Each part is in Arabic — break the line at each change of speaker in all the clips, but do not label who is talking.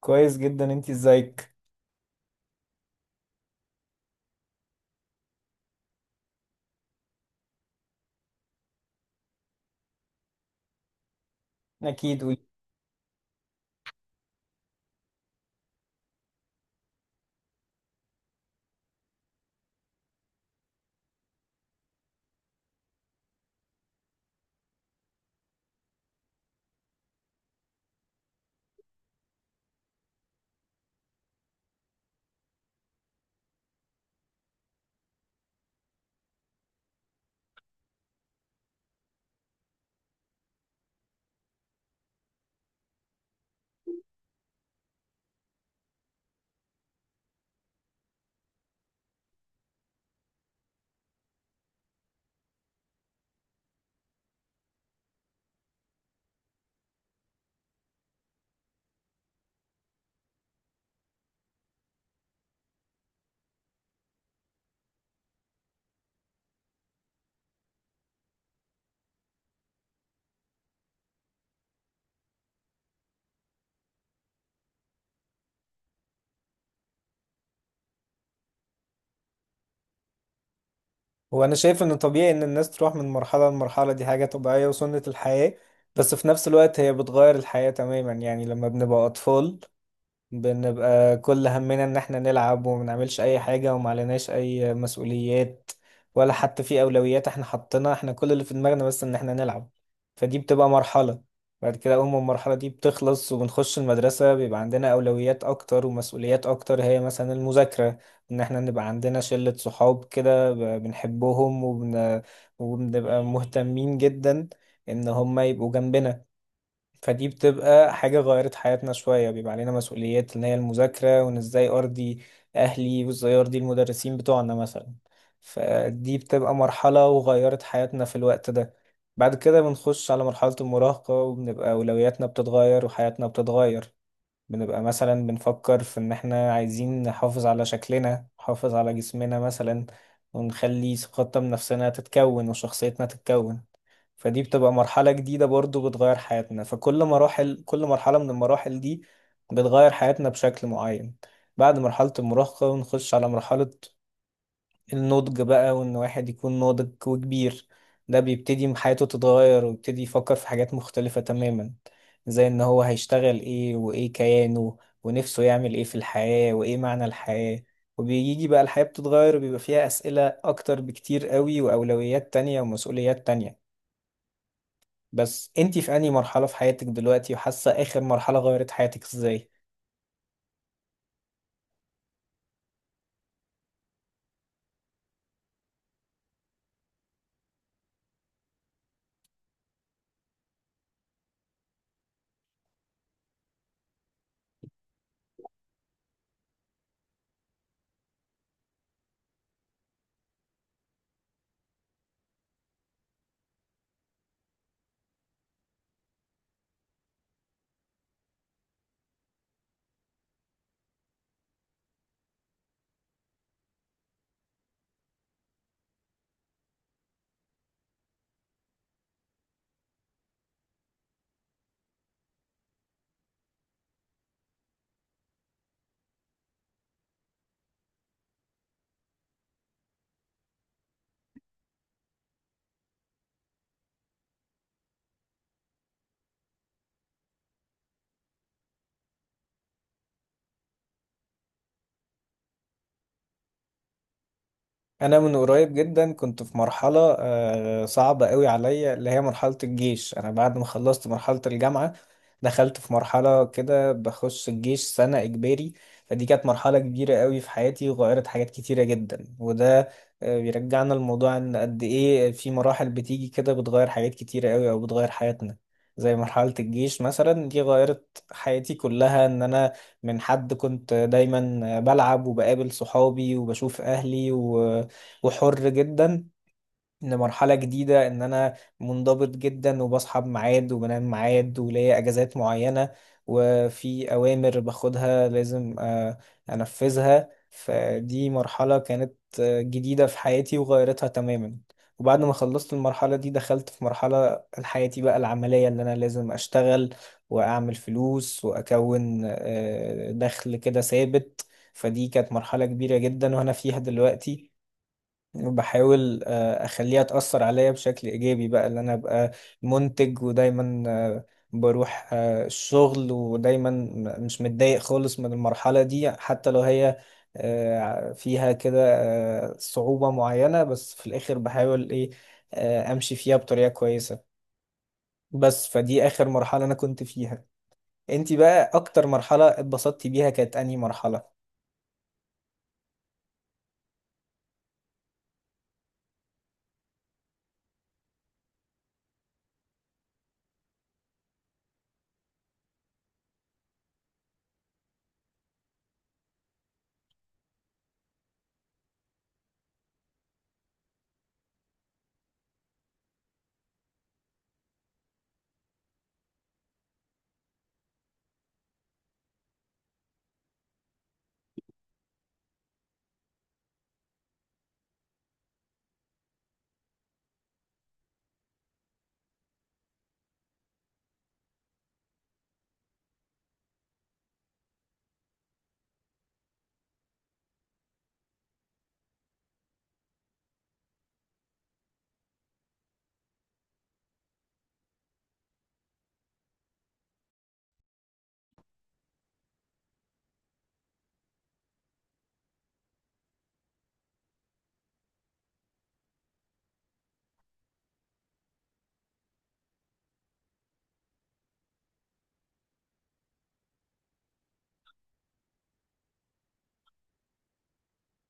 كويس جدا. انت ازيك؟ اكيد وانا شايف ان طبيعي ان الناس تروح من مرحله لمرحله، دي حاجه طبيعيه وسنه الحياه. بس في نفس الوقت هي بتغير الحياه تماما. يعني لما بنبقى اطفال بنبقى كل همنا ان احنا نلعب وما نعملش اي حاجة وما عليناش اي مسؤوليات، ولا حتى في اولويات احنا حطيناها، احنا كل اللي في دماغنا بس ان احنا نلعب. فدي بتبقى مرحلة. بعد كده اول ما المرحلة دي بتخلص وبنخش المدرسة بيبقى عندنا اولويات اكتر ومسؤوليات اكتر، هي مثلا المذاكرة، ان احنا نبقى عندنا شلة صحاب كده بنحبهم وبنبقى مهتمين جدا ان هم يبقوا جنبنا. فدي بتبقى حاجة غيرت حياتنا شوية، بيبقى علينا مسؤوليات اللي هي المذاكرة، وإن إزاي أرضي أهلي وإزاي أرضي المدرسين بتوعنا مثلا. فدي بتبقى مرحلة وغيرت حياتنا في الوقت ده. بعد كده بنخش على مرحلة المراهقة وبنبقى أولوياتنا بتتغير وحياتنا بتتغير. بنبقى مثلا بنفكر في إن إحنا عايزين نحافظ على شكلنا، نحافظ على جسمنا مثلا، ونخلي ثقتنا بنفسنا تتكون وشخصيتنا تتكون. فدي بتبقى مرحلة جديدة برضو بتغير حياتنا. فكل مراحل، كل مرحلة من المراحل دي بتغير حياتنا بشكل معين. بعد مرحلة المراهقة نخش على مرحلة النضج بقى، وإن واحد يكون ناضج وكبير، ده بيبتدي حياته تتغير ويبتدي يفكر في حاجات مختلفة تماما، زي إن هو هيشتغل إيه وإيه كيانه ونفسه يعمل إيه في الحياة وإيه معنى الحياة. وبيجي بقى الحياة بتتغير وبيبقى فيها أسئلة أكتر بكتير قوي، وأولويات تانية ومسؤوليات تانية. بس انتي في انهي مرحلة في حياتك دلوقتي، وحاسة اخر مرحلة غيرت حياتك ازاي؟ انا من قريب جدا كنت في مرحله صعبه قوي عليا، اللي هي مرحله الجيش. انا بعد ما خلصت مرحله الجامعه دخلت في مرحله كده بخش الجيش سنه اجباري. فدي كانت مرحله كبيره قوي في حياتي وغيرت حاجات كتيره جدا. وده بيرجعنا لموضوع ان قد ايه في مراحل بتيجي كده بتغير حاجات كتيره قوي او بتغير حياتنا، زي مرحلة الجيش مثلا. دي غيرت حياتي كلها، ان انا من حد كنت دايما بلعب وبقابل صحابي وبشوف اهلي وحر جدا، لمرحلة جديدة إن أنا منضبط جدا وبصحى بميعاد وبنام بميعاد وليا أجازات معينة، وفي أوامر باخدها لازم أنفذها. فدي مرحلة كانت جديدة في حياتي وغيرتها تماما. وبعد ما خلصت المرحلة دي دخلت في مرحلة حياتي بقى العملية، اللي أنا لازم أشتغل وأعمل فلوس وأكون دخل كده ثابت. فدي كانت مرحلة كبيرة جدا وأنا فيها دلوقتي. بحاول اخليها تأثر عليا بشكل ايجابي بقى، اللي انا ابقى منتج ودايما بروح الشغل ودايما مش متضايق خالص من المرحلة دي، حتى لو هي فيها كده صعوبة معينة، بس في الاخر بحاول ايه، امشي فيها بطريقة كويسة. بس فدي اخر مرحلة انا كنت فيها. انتي بقى اكتر مرحلة اتبسطتي بيها كانت انهي مرحلة؟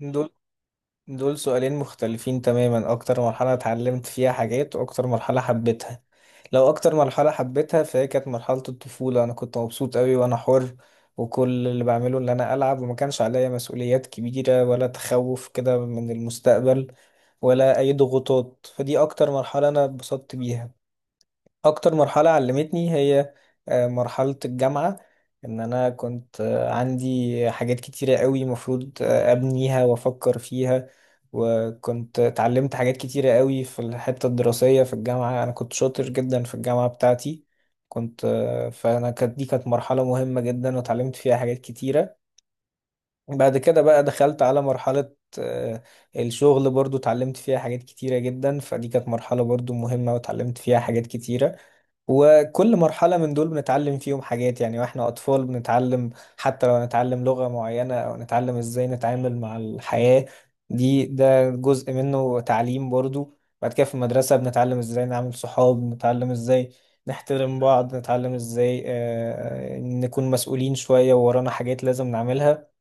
دول، دول سؤالين مختلفين تماما، اكتر مرحلة اتعلمت فيها حاجات واكتر مرحلة حبيتها. لو اكتر مرحلة حبيتها فهي كانت مرحلة الطفولة. انا كنت مبسوط قوي وانا حر، وكل اللي بعمله ان انا العب، وما كانش عليا مسؤوليات كبيرة ولا تخوف كده من المستقبل ولا اي ضغوطات. فدي اكتر مرحلة انا اتبسطت بيها. اكتر مرحلة علمتني هي مرحلة الجامعة. ان انا كنت عندي حاجات كتيرة قوي مفروض ابنيها وافكر فيها. وكنت اتعلمت حاجات كتيرة قوي في الحتة الدراسية في الجامعة، انا كنت شاطر جدا في الجامعة بتاعتي. كنت فانا كانت، دي كانت مرحلة مهمة جدا واتعلمت فيها حاجات كتيرة. بعد كده بقى دخلت على مرحلة الشغل، برضو اتعلمت فيها حاجات كتيرة جدا. فدي كانت مرحلة برضو مهمة واتعلمت فيها حاجات كتيرة. وكل مرحلة من دول بنتعلم فيهم حاجات. يعني واحنا أطفال بنتعلم، حتى لو نتعلم لغة معينة أو نتعلم ازاي نتعامل مع الحياة، دي ده جزء منه تعليم برضو. بعد كده في المدرسة بنتعلم ازاي نعمل صحاب، بنتعلم ازاي نحترم بعض، نتعلم ازاي نكون مسؤولين شوية وورانا حاجات لازم نعملها.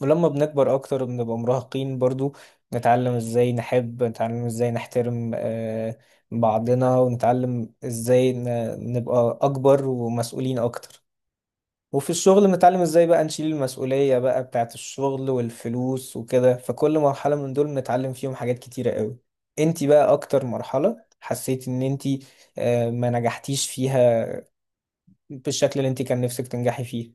ولما بنكبر اكتر بنبقى مراهقين برضو، نتعلم ازاي نحب، نتعلم ازاي نحترم بعضنا، ونتعلم ازاي نبقى اكبر ومسؤولين اكتر. وفي الشغل بنتعلم ازاي بقى نشيل المسؤولية بقى بتاعت الشغل والفلوس وكده. فكل مرحلة من دول بنتعلم فيهم حاجات كتيرة قوي. انتي بقى اكتر مرحلة حسيت ان انتي ما نجحتيش فيها بالشكل اللي انتي كان نفسك تنجحي فيه؟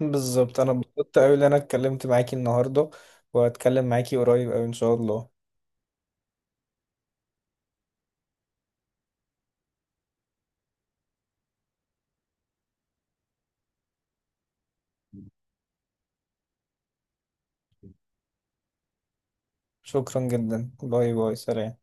بالظبط. انا انبسطت قوي ان انا اتكلمت معاكي النهارده، وهتكلم معاكي قريب قوي ان شاء الله. شكرا جدا، باي باي، سلام.